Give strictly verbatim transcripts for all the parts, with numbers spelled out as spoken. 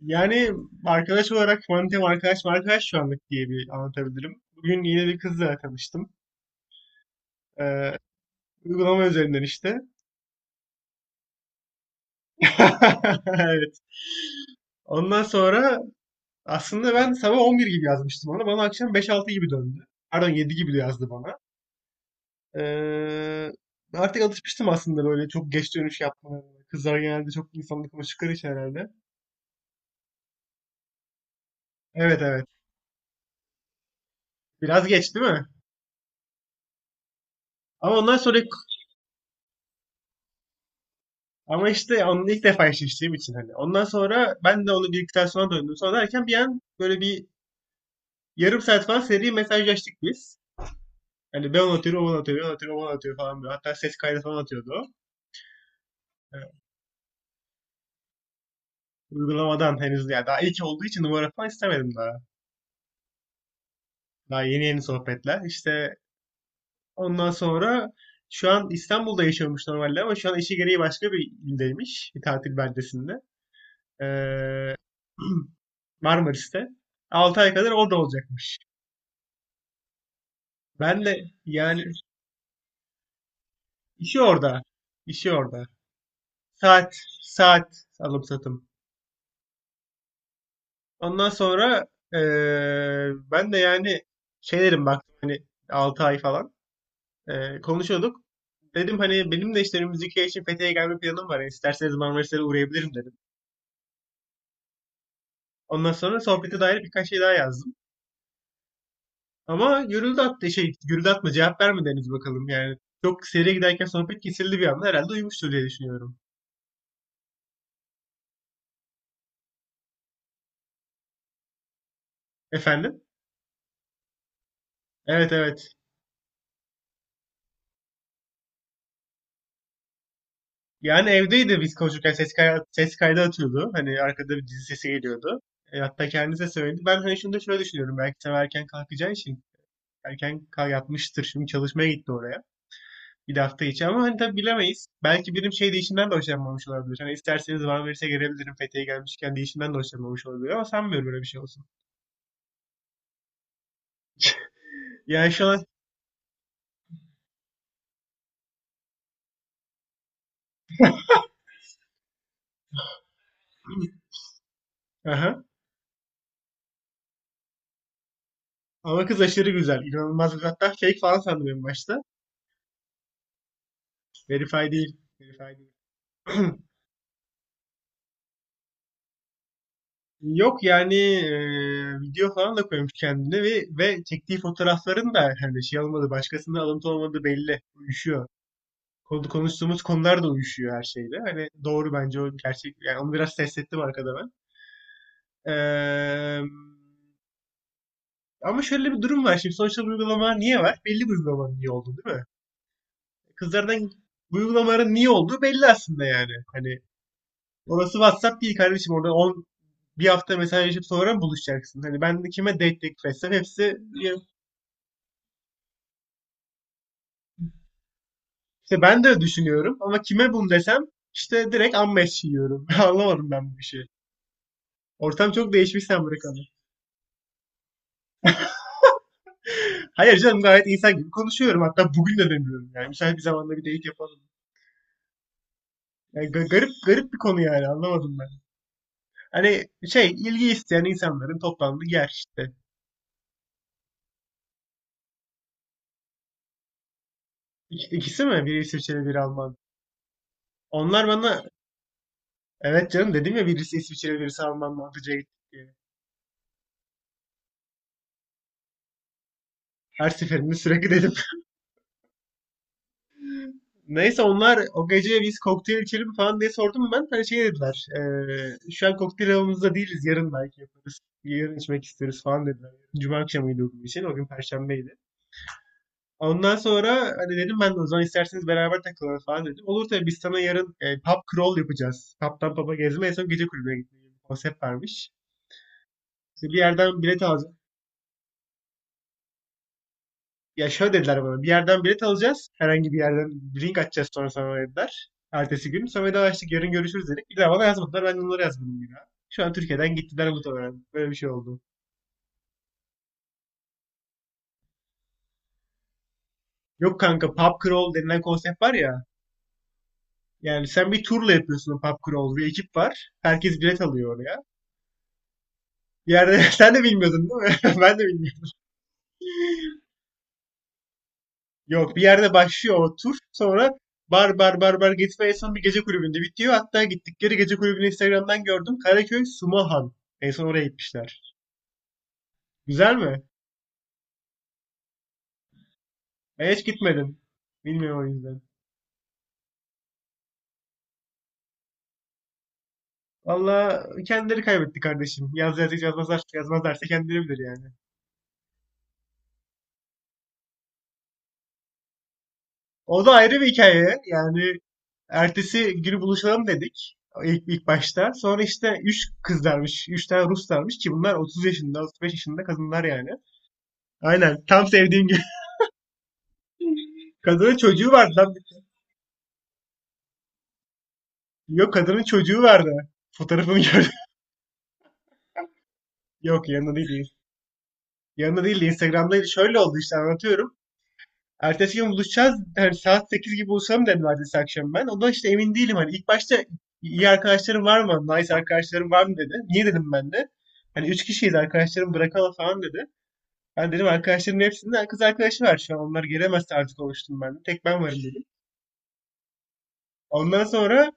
Yani arkadaş olarak Mantem arkadaş arkadaş şu anlık diye bir anlatabilirim. Bugün yine bir kızla tanıştım. Ee, uygulama üzerinden işte. Evet. Ondan sonra aslında ben sabah on bir gibi yazmıştım ona. Bana akşam beş altı gibi döndü. Pardon yedi gibi de yazdı bana. Ee, artık alışmıştım aslında böyle çok geç dönüş yapmaya. Kızlar genelde çok insanlık konuştukları için herhalde. Evet evet. Biraz geç değil mi? Ama ondan sonra ama işte onu ilk defa eşleştiğim için hani. Ondan sonra ben de onu diktasyona döndüm. Sonra derken bir an böyle bir yarım saat falan seri mesajlaştık biz. Hani ben onu atıyorum, o bana atıyor, ben atıyorum, o bana atıyor falan böyle. Hatta ses kaydı falan atıyordu o. Ee, uygulamadan henüz ya daha ilk olduğu için numara falan istemedim daha. Daha yeni yeni sohbetler. İşte ondan sonra şu an İstanbul'da yaşıyormuş normalde ama şu an işi gereği başka bir ildeymiş. Bir tatil beldesinde. Ee, Marmaris'te. Altı ay kadar orada olacakmış. Ben de yani işi orada. İşi orada. Saat, saat alım satım. Ondan sonra eee, ben de yani şeylerim baktım hani altı ay falan eee, konuşuyorduk. Dedim hani benim de işte müzikiye için Fethiye'ye gelme planım var. Yani isterseniz Marmaris'e uğrayabilirim dedim. Ondan sonra sohbete dair birkaç şey daha yazdım. Ama gürültü attı şey gürültü atma cevap vermedi henüz bakalım yani. Çok seriye giderken sohbet kesildi bir anda herhalde uyumuştur diye düşünüyorum. Efendim? Evet evet. Yani evdeydi biz konuşurken ses, kay- ses kaydı atıyordu. Hani arkada bir dizi sesi geliyordu. E, hatta kendisi de söyledi. Ben hani şunu da şöyle düşünüyorum. Belki sen erken kalkacağı için erken kal yatmıştır. Şimdi çalışmaya gitti oraya. Bir de hafta içi ama hani tabii bilemeyiz. Belki birim şey değişinden de hoşlanmamış olabilir. Hani isterseniz bana verirse gelebilirim. Fethiye'ye gelmişken değişinden de hoşlanmamış olabilir ama sanmıyorum böyle bir şey olsun. Yani şu an... Aha. Ama kız aşırı güzel. İnanılmaz güzel. Hatta fake falan sandım en başta. Verify değil. Verify değil. Yok yani eee, video falan da koymuş kendine ve, ve çektiği fotoğrafların da hani şey olmadı başkasında alıntı olmadı belli. Uyuşuyor. Konu- Konuştuğumuz konular da uyuşuyor her şeyle. Hani doğru bence o gerçek. Yani onu biraz test ettim arkada ben. Eee, ama şöyle bir durum var şimdi. Sosyal uygulama niye var? Belli bir uygulamanın niye olduğu değil mi? Kızlardan bu uygulamaların niye olduğu belli aslında yani. Hani orası WhatsApp değil kardeşim. Orada on bir hafta mesajlaşıp sonra buluşacaksın. Hani ben kime date teklif etsem hepsi... İşte ben de düşünüyorum ama kime bunu desem işte direkt ammeş yiyorum. Anlamadım ben bu işi. Ortam çok değişmiş sen bırakalım. Hayır canım gayet insan gibi konuşuyorum. Hatta bugün de demiyorum yani. Müsait bir zamanda bir date yapalım. Yani ga- garip garip bir konu yani anlamadım ben. Hani şey ilgi isteyen insanların toplandığı yer işte. İk- İkisi mi? Biri İsviçreli biri Alman. Onlar bana evet canım dedim ya birisi İsviçreli birisi Alman mı? Hadi Jade diye. Her seferinde sürekli dedim. Neyse onlar o gece biz kokteyl içelim falan diye sordum ben. Hani şey dediler. eee, şu an kokteyl havamızda değiliz. Yarın belki yaparız. Yarın içmek isteriz falan dediler. Cuma akşamıydı o gün için. O gün Perşembeydi. Ondan sonra hani dedim ben de o zaman isterseniz beraber takılalım falan dedim. Olur tabii biz sana yarın e, pub crawl yapacağız. Pub'dan pub'a gezme en son gece kulübüne gitme gibi bir konsept varmış. İşte bir yerden bilet al... Ya şöyle dediler bana. Bir yerden bilet alacağız. Herhangi bir yerden bir link açacağız sonra sana dediler. Ertesi gün. Sonra da açtık. Yarın görüşürüz dedik. Bir daha bana yazmadılar. Ben de onlara yazmadım bir daha. Şu an Türkiye'den gittiler muhtemelen. Böyle bir şey oldu. Yok kanka pub crawl denilen konsept var ya. Yani sen bir turla yapıyorsun o pub crawl. Bir ekip var. Herkes bilet alıyor oraya. Bir yerde sen de bilmiyordun değil mi? Ben de bilmiyordum. Yok bir yerde başlıyor o tur. Sonra bar bar bar bar gitme en son bir gece kulübünde bitiyor. Hatta gittikleri gece kulübünü Instagram'dan gördüm. Karaköy Sumahan. En son oraya gitmişler. Güzel mi? Ben hiç gitmedim. Bilmiyorum o yüzden. Valla kendileri kaybetti kardeşim. Yaz yaz yazmazlar, yazmazlarsa kendileri bilir yani. O da ayrı bir hikaye. Yani ertesi günü buluşalım dedik. İlk, ilk başta. Sonra işte üç kızlarmış. Üç tane Ruslarmış ki bunlar otuz yaşında, otuz beş yaşında kadınlar yani. Aynen. Tam sevdiğim. Kadının çocuğu vardı lan. Yok kadının çocuğu vardı. Fotoğrafını gördüm. Yok yanında değil. değil. Yanında değil de Instagram'daydı. Şöyle oldu işte anlatıyorum. Ertesi gün buluşacağız. Hani saat sekiz gibi buluşalım dedim ertesi akşam ben. Ondan işte emin değilim hani. İlk başta iyi arkadaşlarım var mı? Nice arkadaşlarım var mı dedi. Niye dedim ben de. Hani üç kişiyiz arkadaşlarım bırakalım falan dedi. Ben dedim arkadaşlarımın hepsinde kız arkadaşı var şu an. Onlar gelemezse artık oluştum ben de. Tek ben varım dedim. Ondan sonra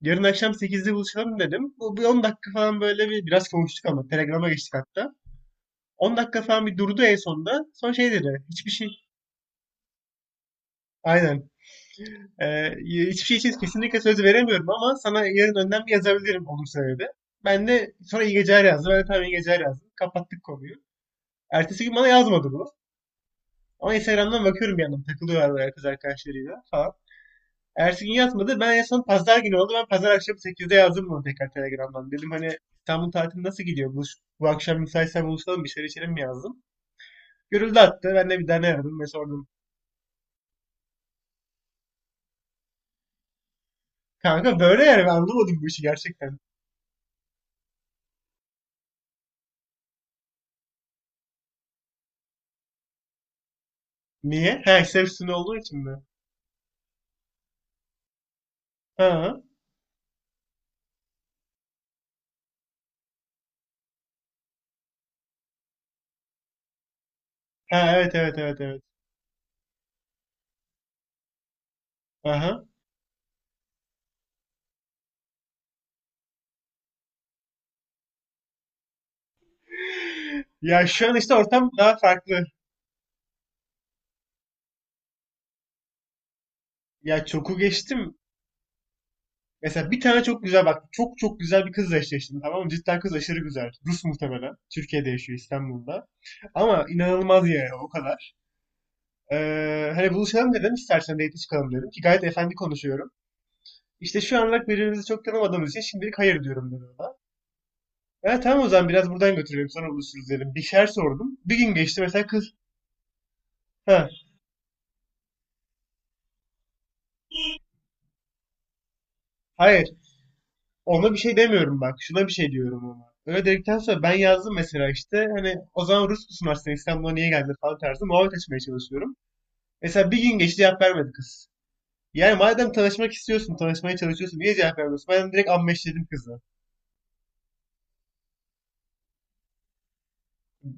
yarın akşam sekizde buluşalım dedim. Bu bir on dakika falan böyle bir biraz konuştuk ama Telegram'a geçtik hatta. on dakika falan bir durdu en sonunda. Son şey dedi. Hiçbir şey. Aynen. Ee, hiçbir şey için kesinlikle söz veremiyorum ama sana yarın önden bir yazabilirim olursa dedi. Ben de sonra iyi geceler yazdım. Ben de tamam iyi geceler yazdım. Kapattık konuyu. Ertesi gün bana yazmadı bu. Ama Instagram'dan bakıyorum bir yandan takılıyorlar böyle kız arkadaşlarıyla falan. Ertesi gün yazmadı. Ben en son pazar günü oldu. Ben pazar akşamı sekizde yazdım bunu tekrar Telegram'dan. Dedim hani İstanbul tatili nasıl gidiyor? Bu, bu akşam müsaitsen buluşalım bir şeyler içelim mi yazdım. Görüldü attı. Ben de bir tane aradım ve sordum. Kanka böyle yani ben anlamadım bu işi gerçekten. Niye? Ha hisse üstünde olduğu için mi? Ha, ha evet evet evet evet. Aha. Ya şu an işte ortam daha farklı. Ya çoku geçtim. Mesela bir tane çok güzel bak çok çok güzel bir kızla eşleştim tamam mı? Cidden kız aşırı güzel. Rus muhtemelen. Türkiye'de yaşıyor İstanbul'da. Ama inanılmaz yani o kadar. Ee, hani buluşalım dedim istersen date çıkalım dedim ki gayet efendi konuşuyorum. İşte şu anlık birbirimizi çok tanımadığımız için şimdilik hayır diyorum dedi ona. Ha, tamam o zaman biraz buradan götürelim sonra buluşuruz dedim. Bir şeyler sordum. Bir gün geçti mesela kız. Ha, hayır ona bir şey demiyorum bak şuna bir şey diyorum ona. Öyle dedikten sonra ben yazdım mesela işte hani o zaman Rus musun aslında İstanbul'a niye geldin falan tarzı muhabbet açmaya çalışıyorum. Mesela bir gün geçti cevap vermedi kız. Yani madem tanışmak istiyorsun, tanışmaya çalışıyorsun niye cevap vermiyorsun? Ben direkt ammeşledim kızı.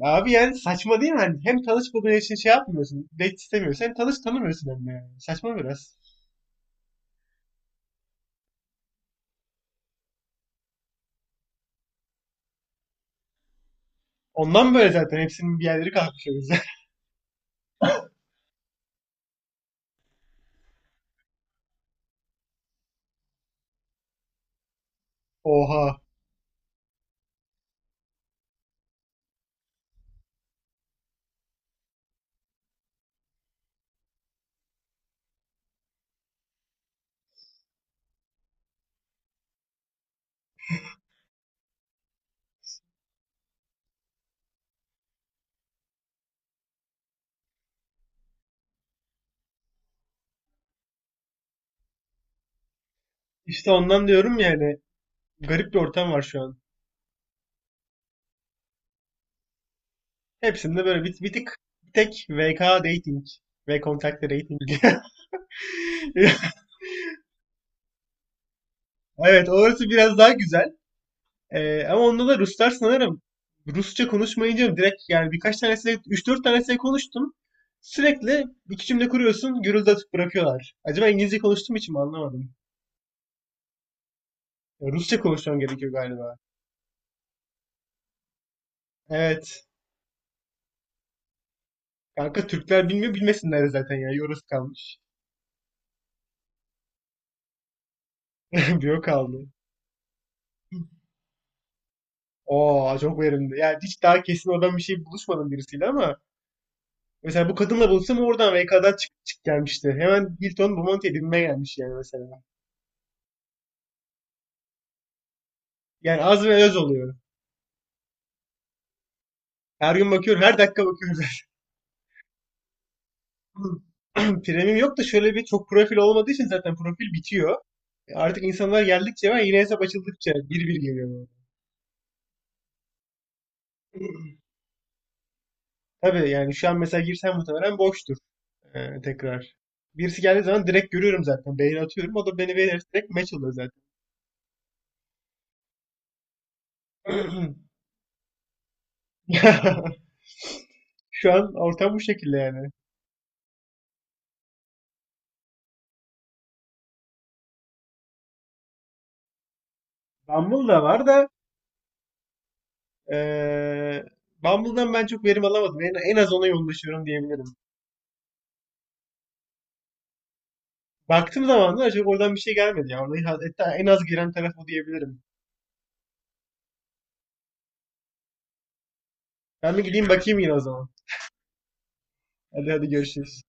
Abi yani saçma değil mi? Hani hem tanışmadığın için şey yapmıyorsun. Date istemiyorsun. Hem tanış tanımıyorsun hem de yani. Saçma biraz. Ondan böyle zaten hepsinin bir yerleri kalkmış o yüzden. Oha. İşte ondan diyorum yani. Garip bir ortam var şu an. Hepsinde böyle bir, bir tık bir tek V K dating ve kontakte dating. Evet orası biraz daha güzel. Ee, ama onda da Ruslar sanırım Rusça konuşmayınca direkt yani birkaç tanesiyle üç dört tanesiyle konuştum. Sürekli iki cümle kuruyorsun gürültü atıp bırakıyorlar. Acaba İngilizce konuştuğum için mi anlamadım. Ya Rusça konuşmam gerekiyor galiba. Evet. Kanka Türkler bilmiyor bilmesinler de zaten ya. Yoruz kalmış. Biyo kaldı. Oo çok verimli. Yani hiç daha kesin oradan bir şey buluşmadım birisiyle ama mesela bu kadınla buluşsam oradan V K'dan çık, çık gelmişti. Hemen Hilton Bomonti'ye binmeye gelmiş yani mesela. Yani az ve öz oluyor. Her gün bakıyorum, her dakika bakıyorum zaten. Premium yok da şöyle bir çok profil olmadığı için zaten profil bitiyor. Artık insanlar geldikçe ve yine hesap açıldıkça bir bir geliyor böyle. Tabii yani şu an mesela girsem muhtemelen boştur ee, tekrar. Birisi geldiği zaman direkt görüyorum zaten. Beğeni atıyorum. O da beni beğenirse direkt match oluyor zaten. Şu an ortam bu şekilde yani. Bumble da var da eee Bumble'dan ben çok verim alamadım. En, en az ona yoğunlaşıyorum diyebilirim. Baktığım zaman da acaba oradan bir şey gelmedi ya. Orada hatta en az giren taraf o diyebilirim. Ben bir gideyim bakayım yine o zaman. Hadi hadi görüşürüz.